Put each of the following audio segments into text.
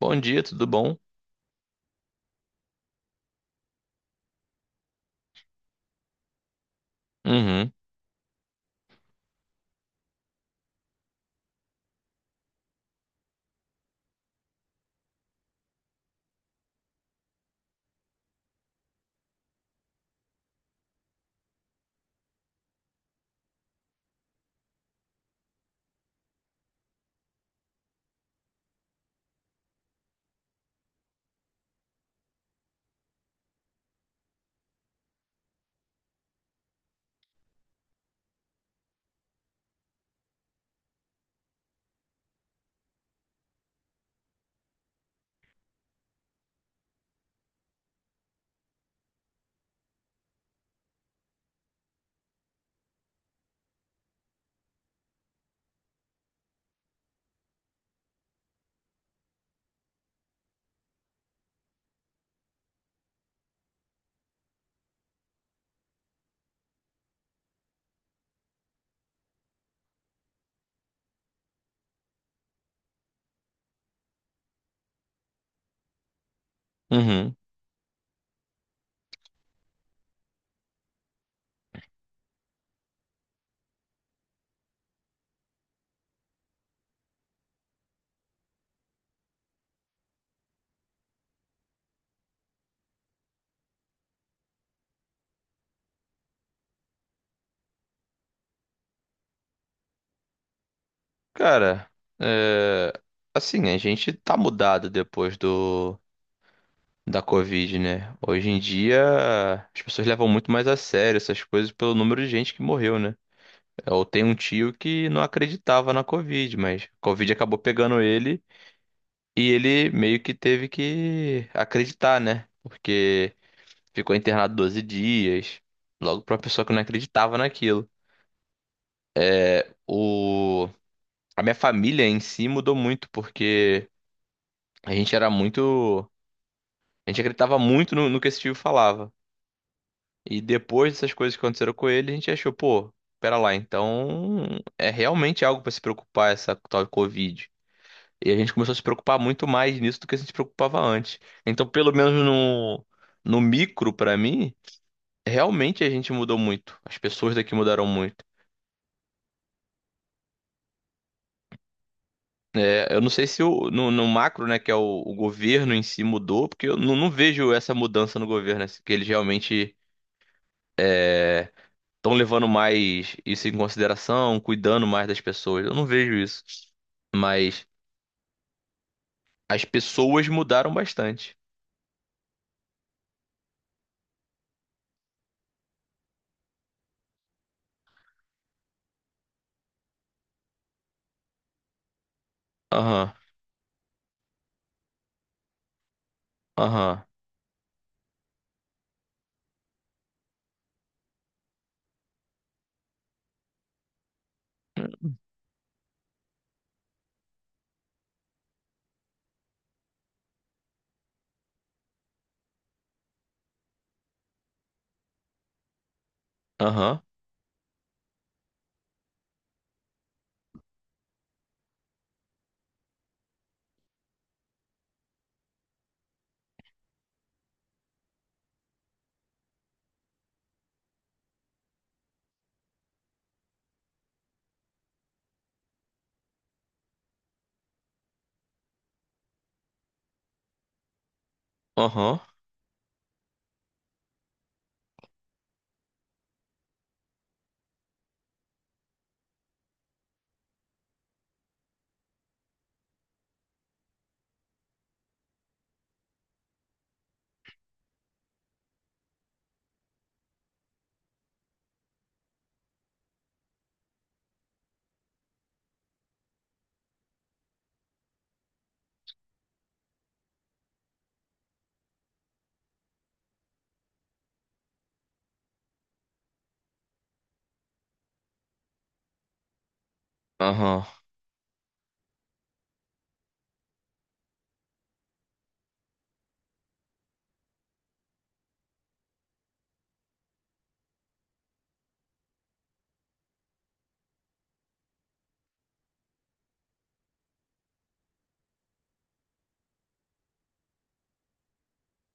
Bom dia, tudo bom? Uhum, uhum. Cara, é, assim, a gente tá mudado depois do da Covid, né? Hoje em dia, as pessoas levam muito mais a sério essas coisas pelo número de gente que morreu, né? Eu tenho um tio que não acreditava na Covid, mas a Covid acabou pegando ele e ele meio que teve que acreditar, né? Porque ficou internado 12 dias, logo pra uma pessoa que não acreditava naquilo. O A minha família em si mudou muito, porque a gente era muito. A gente acreditava muito no que esse tio falava. E depois dessas coisas que aconteceram com ele, a gente achou, pô, pera lá, então é realmente algo pra se preocupar essa tal de Covid. E a gente começou a se preocupar muito mais nisso do que a gente se preocupava antes. Então, pelo menos no micro, pra mim, realmente a gente mudou muito. As pessoas daqui mudaram muito. É, eu não sei se o, no, no macro, né, que é o governo em si mudou, porque eu não vejo essa mudança no governo, né, que eles realmente estão levando mais isso em consideração, cuidando mais das pessoas. Eu não vejo isso. Mas as pessoas mudaram bastante. Aham, aham, aham, aham, aham.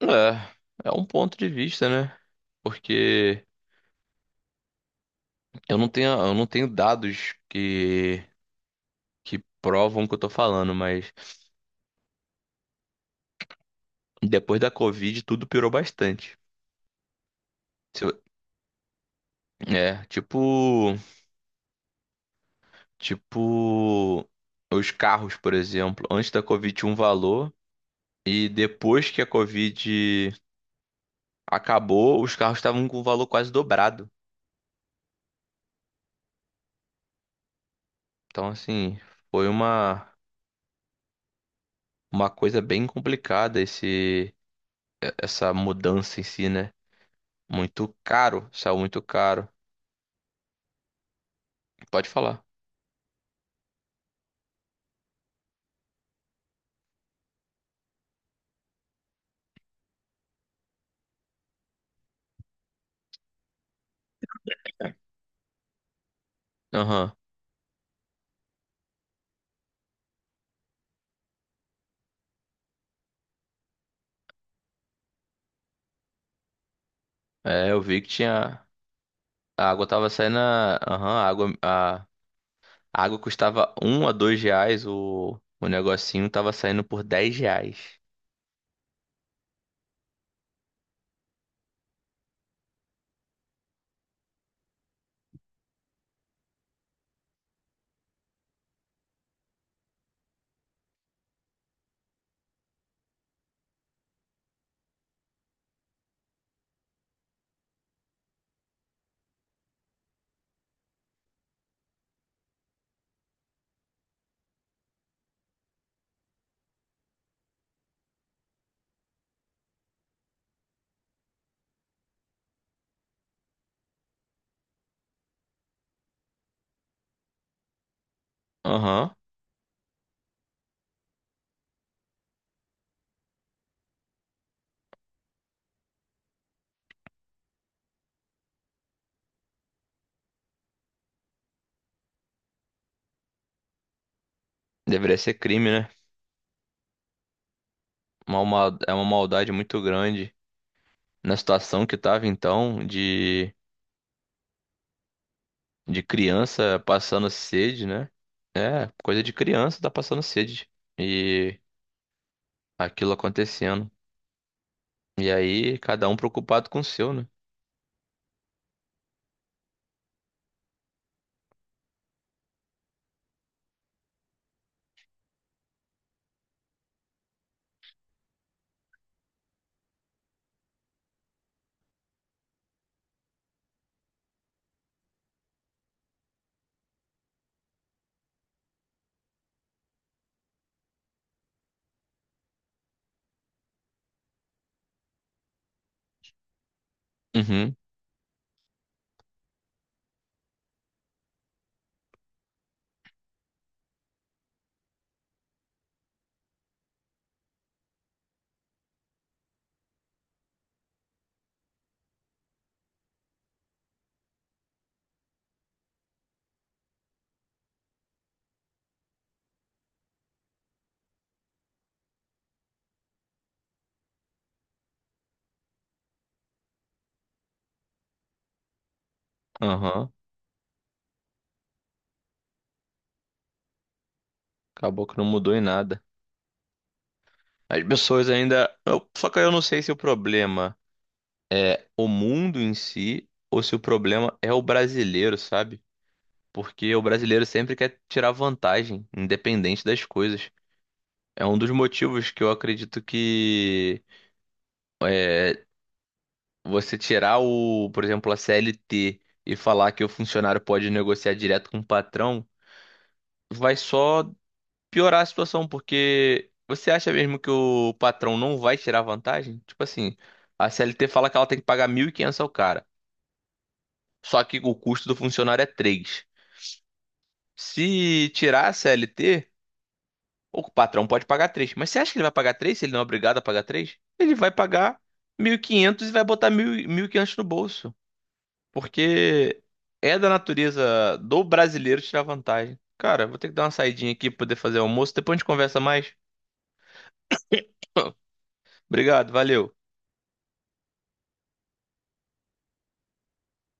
É, é um ponto de vista, né? Porque eu não tenho dados que provam o que eu tô falando, mas depois da Covid, tudo piorou bastante. Se eu- É, tipo os carros, por exemplo. Antes da Covid tinha um valor e depois que a Covid acabou, os carros estavam com um valor quase dobrado. Então, assim, foi uma coisa bem complicada esse essa mudança em si, né? Muito caro, saiu muito caro. Pode falar. Aham. É, eu vi que tinha a água tava saindo, aham, a água custava 1 a 2 reais, o negocinho tava saindo por 10 reais. Aham. Deveria ser crime, né? É uma maldade muito grande. Na situação que tava então, de criança passando sede, né? É, coisa de criança tá passando sede. E aquilo acontecendo. E aí, cada um preocupado com o seu, né? Uhum, aham. Acabou que não mudou em nada. As pessoas ainda. Só que eu não sei se o problema é o mundo em si ou se o problema é o brasileiro, sabe? Porque o brasileiro sempre quer tirar vantagem, independente das coisas. É um dos motivos que eu acredito que é, você tirar por exemplo, a CLT e falar que o funcionário pode negociar direto com o patrão, vai só piorar a situação, porque você acha mesmo que o patrão não vai tirar vantagem? Tipo assim, a CLT fala que ela tem que pagar 1.500 ao cara, só que o custo do funcionário é 3. Se tirar a CLT, o patrão pode pagar 3. Mas você acha que ele vai pagar 3, se ele não é obrigado a pagar 3. Ele vai pagar 1.500 e quinhentos e vai botar mil e quinhentos no bolso. Porque é da natureza do brasileiro tirar vantagem. Cara, vou ter que dar uma saidinha aqui pra poder fazer almoço. Depois a gente conversa mais. Obrigado, valeu.